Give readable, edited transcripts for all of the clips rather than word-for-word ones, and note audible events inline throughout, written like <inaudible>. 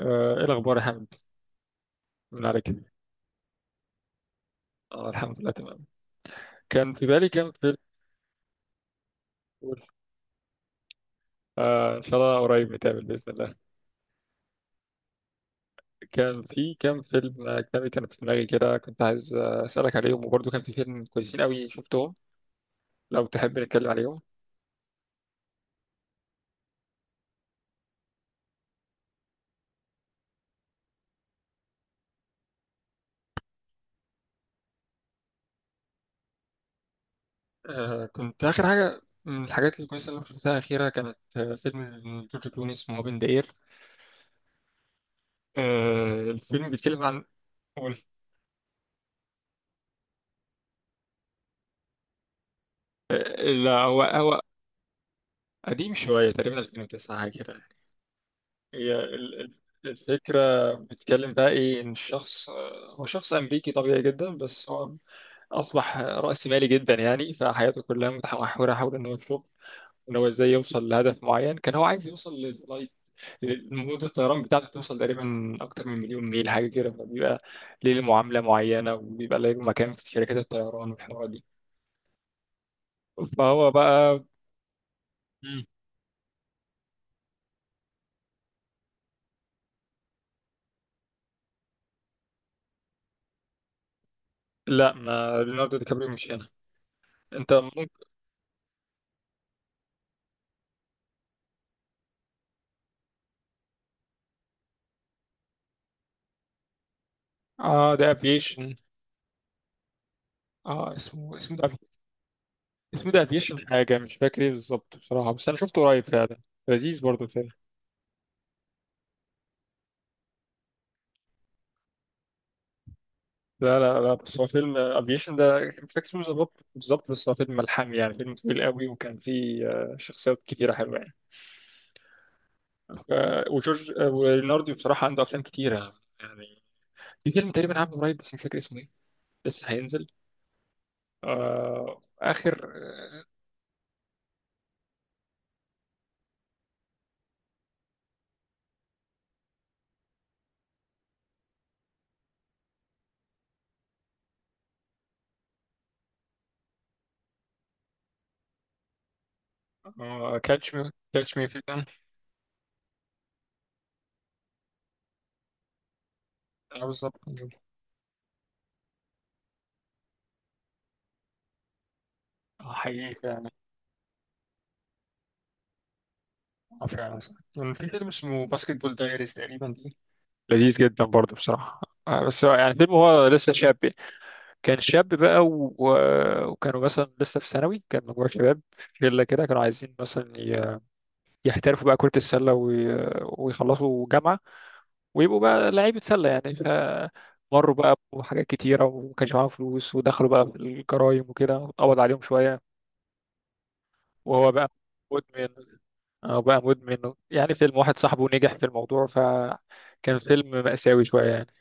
ايه الاخبار يا حمد؟ من عليك. اه الحمد لله تمام. كان في بالي كام فيلم. قول. آه، ان شاء الله قريب نتقابل باذن الله. كان في كام فيلم اجنبي كان في دماغي كده، كنت عايز اسالك عليهم، وبرضه كان في فيلم كويسين قوي شفتهم. لو تحب نتكلم عليهم. آه، كنت اخر حاجه من الحاجات الكويسه اللي شفتها اخيرا كانت فيلم جورج كلوني اسمه اوبن ذا اير. آه، الفيلم بيتكلم عن، قول. لا، هو قديم شويه، تقريبا 2009 حاجه كده. هي ال- ال- الفكرة بتتكلم بقى إيه، إن الشخص هو شخص أمريكي طبيعي جدا، بس هو أصبح رأسمالي جدا يعني، فحياته كلها متمحورة حول إن هو يشوف إن هو إزاي يوصل لهدف معين. كان هو عايز يوصل للفلايت، مدة الطيران بتاعته توصل تقريبا أكتر من مليون ميل حاجة كده، فبيبقى ليه معاملة معينة وبيبقى له مكان في شركات الطيران والحوارات دي. فهو بقى، مم. لا، ما ليوناردو دي كابريو مش هنا. أنت ممكن، آه ده أفيشن. اه، اسمه ده، اسمه ده افيشن حاجة، مش فاكر ايه بالظبط بصراحة، بس انا شفته قريب فعلا. لذيذ برضه الفيلم. لا، بس هو فيلم افيشن ده، مش فاكر اسمه بالظبط بالظبط، بس هو فيلم ملحمي يعني، فيلم طويل قوي، وكان فيه شخصيات كتيرة حلوة يعني. آه، وجورج، وليوناردو بصراحة عنده افلام كتيرة يعني. في فيلم تقريبا عامله قريب بس مش فاكر اسمه ايه، لسه هينزل. آه اخر، كاتش مي في كان. اه بالظبط. آه، حقيقي فعلا. اه فعلا صح. كان في فيلم اسمه باسكت بول دايريز تقريبا دي، لذيذ جدا برضه بصراحة. آه، بس هو يعني فيلم، هو لسه شاب يعني. كان شاب بقى وكانوا مثلا لسه في ثانوي، كان مجموعة شباب في شلة كده كانوا عايزين مثلا يحترفوا بقى كرة السلة ويخلصوا جامعة ويبقوا بقى لعيبة سلة يعني. فمروا بقى بحاجات كتيرة ومكانش معاهم فلوس، ودخلوا بقى في الجرايم وكده، قبض عليهم شوية. وهو بقى مدمن. اه بقى مدمن، يعني فيلم واحد صاحبه نجح في الموضوع، فكان فيلم مأساوي شوية يعني.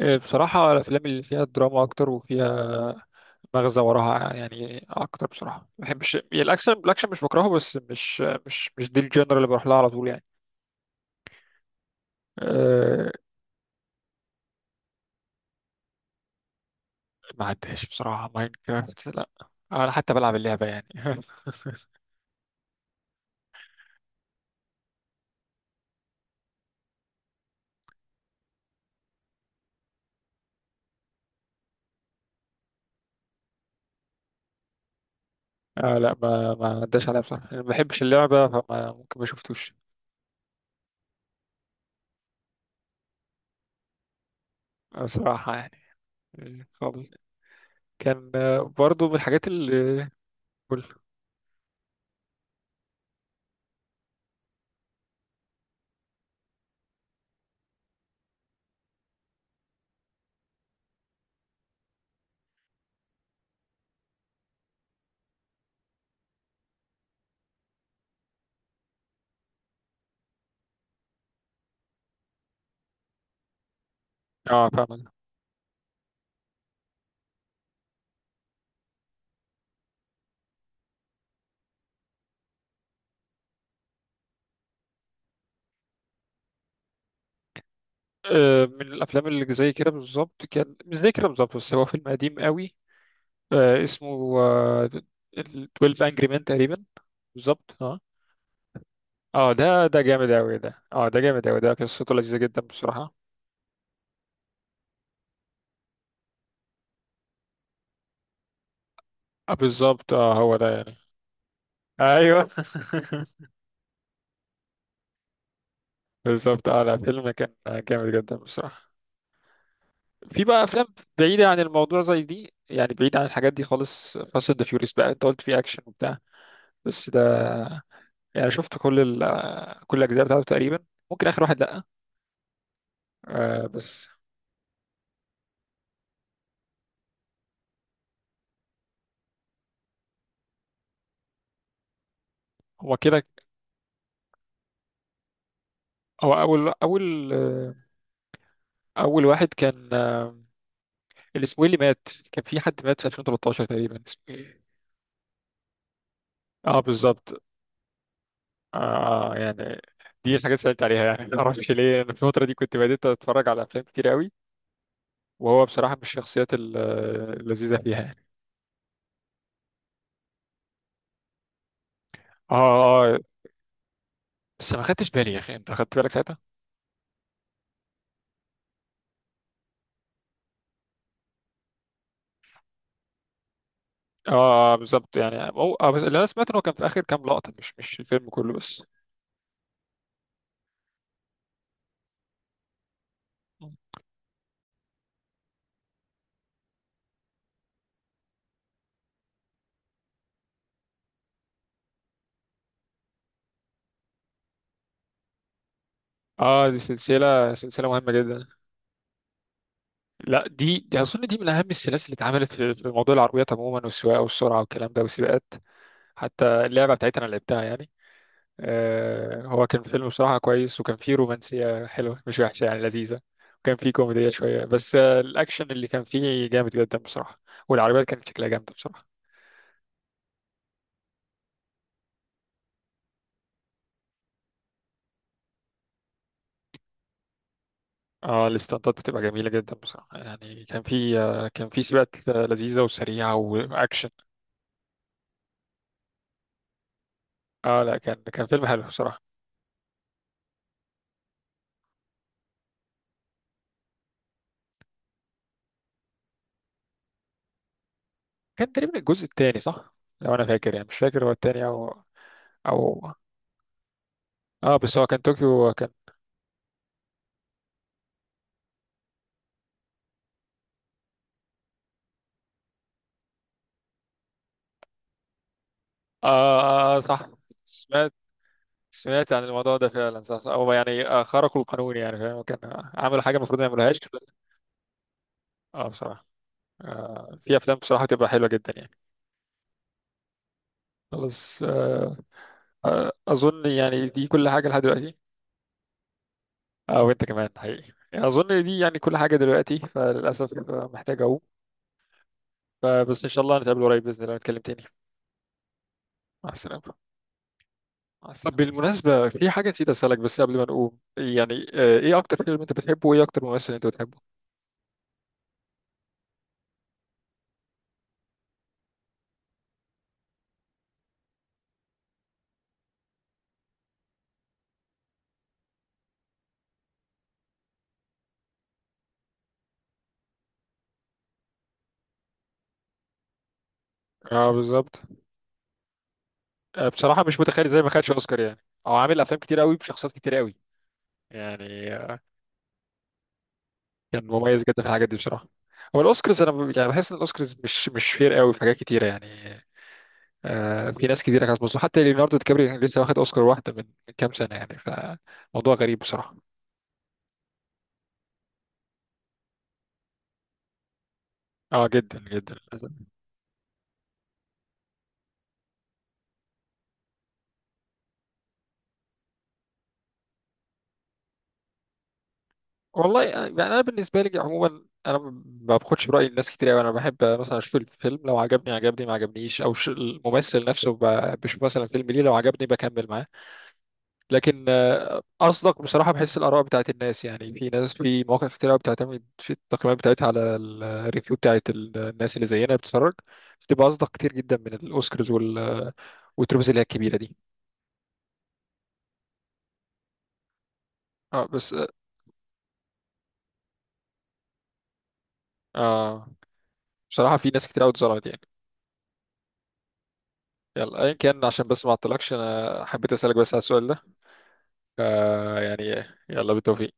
إيه، بصراحة الأفلام اللي فيها دراما أكتر وفيها مغزى وراها يعني أكتر بصراحة. ما بحبش يعني الأكشن، الأكشن مش بكرهه، بس مش دي الجنر اللي بروح لها على طول يعني. أه. ما عداش بصراحة، ماينكرافت لا. أنا حتى بلعب اللعبة يعني. <laughs> أه لا، ما عداش عليها بصراحة، أنا ما بحبش اللعبة، فما ممكن ما شفتوش. بصراحة يعني، إيه، خالص. كان برضو من الحاجات اللي، قول. اه فاهم. آه، من الافلام اللي زي كده بالظبط، كان مش زي كده بالظبط، بس هو فيلم قديم قوي، اسمه 12 انجري مان تقريبا. بالظبط اه. اه ده جامد اوي ده، اه ده جامد اوي ده، قصته لذيذة جدا بصراحة. آه، بالظبط، اه هو ده يعني. ايوه. <laughs> بالظبط اه، لا فيلم كان جامد جدا بصراحة. في بقى افلام بعيدة عن الموضوع زي دي يعني، بعيد عن الحاجات دي خالص. فاست اند فيوريوس بقى، انت قلت فيه اكشن وبتاع، بس ده يعني شفت كل كل الاجزاء بتاعته تقريبا، ممكن اخر واحد لا. آه بس هو كده. هو اول واحد كان، الاسبوعي اللي مات، كان في حد مات في 2013 تقريبا، اسمه ايه؟ اه بالظبط. آه يعني، دي الحاجات اللي سألت عليها يعني. ما اعرفش ليه انا في الفتره دي كنت بديت اتفرج على افلام كتير قوي، وهو بصراحه من الشخصيات اللذيذه فيها يعني. اه. اه بس ما خدتش بالي يا اخي، انت خدت بالك ساعتها؟ اه آه، بالظبط يعني، هو آه، بس اللي انا سمعت ان هو كان في اخر كام لقطه، مش الفيلم كله بس. اه دي سلسله مهمه جدا. لا دي اظن دي من اهم السلاسل اللي اتعملت في موضوع العربيات عموما، والسواقه والسرعه والكلام ده والسباقات. حتى اللعبه بتاعتها انا لعبتها يعني. آه، هو كان فيلم بصراحه كويس، وكان فيه رومانسيه حلوه مش وحشه يعني، لذيذه. وكان فيه كوميديه شويه، بس آه الاكشن اللي كان فيه جامد جدا بصراحه. والعربيات كانت شكلها جامد بصراحه. اه الاستنطات بتبقى جميله جدا بصراحه يعني. كان فيه آه، كان فيه سباقات لذيذه وسريعه واكشن. اه لا، كان فيلم حلو بصراحه. كان تقريبا الجزء الثاني صح، لو انا فاكر يعني، مش فاكر هو التاني او، او، اه بس هو كان طوكيو كان. اه، آه، آه، صح. سمعت، سمعت عن الموضوع ده فعلا. صح، صح. هو يعني خرقوا القانون يعني، فاهم، كان عملوا حاجه المفروض ما يعملوهاش. اه بصراحه. آه، في افلام بصراحه بتبقى حلوه جدا يعني. خلاص آه. آه اظن يعني دي كل حاجه لحد دلوقتي. اه وانت كمان حقيقي يعني. اظن دي يعني كل حاجه دلوقتي، فللاسف محتاج اقوم. فبس ان شاء الله نتقابل قريب باذن الله نتكلم تاني. مع السلامه. طب بالمناسبة في حاجة نسيت أسألك بس قبل ما نقوم يعني، إيه أكتر فيلم أنت بتحبه، وإيه أكتر ممثل أنت بتحبه؟ اه بالظبط. آه، بصراحة مش متخيل إزاي ما خدش أوسكار يعني، أو عامل أفلام كتير قوي بشخصيات كتير قوي يعني. آه، كان مميز جدا في الحاجات دي بصراحة. هو الأوسكارز أنا يعني بحس إن الأوسكارز مش فير قوي في حاجات كتيرة يعني. آه، في ناس كتيرة كانت مظلومة، حتى ليوناردو دي كابريو كان لسه واخد أوسكار واحدة من كام سنة يعني، فموضوع غريب بصراحة. أه جدا جدا. والله يعني انا بالنسبه لي عموما انا ما باخدش براي الناس كتير قوي، انا بحب مثلا اشوف الفيلم لو عجبني عجبني ما عجبنيش، او الممثل نفسه بشوف مثلا فيلم ليه لو عجبني بكمل معاه. لكن آه، اصدق بصراحه، بحس الاراء بتاعت الناس يعني، في ناس في مواقع كتير قوي بتعتمد في التقييمات بتاعتها على الريفيو بتاعت الناس اللي زينا بتتفرج، بتبقى اصدق كتير جدا من الاوسكارز والتروفيز اللي هي الكبيره دي. اه بس. آه بصراحه في ناس كتير قوي اتظلمت يعني. يلا ايا كان، عشان بس ما اعطلكش، انا حبيت اسالك بس على السؤال ده. آه يعني يلا بالتوفيق.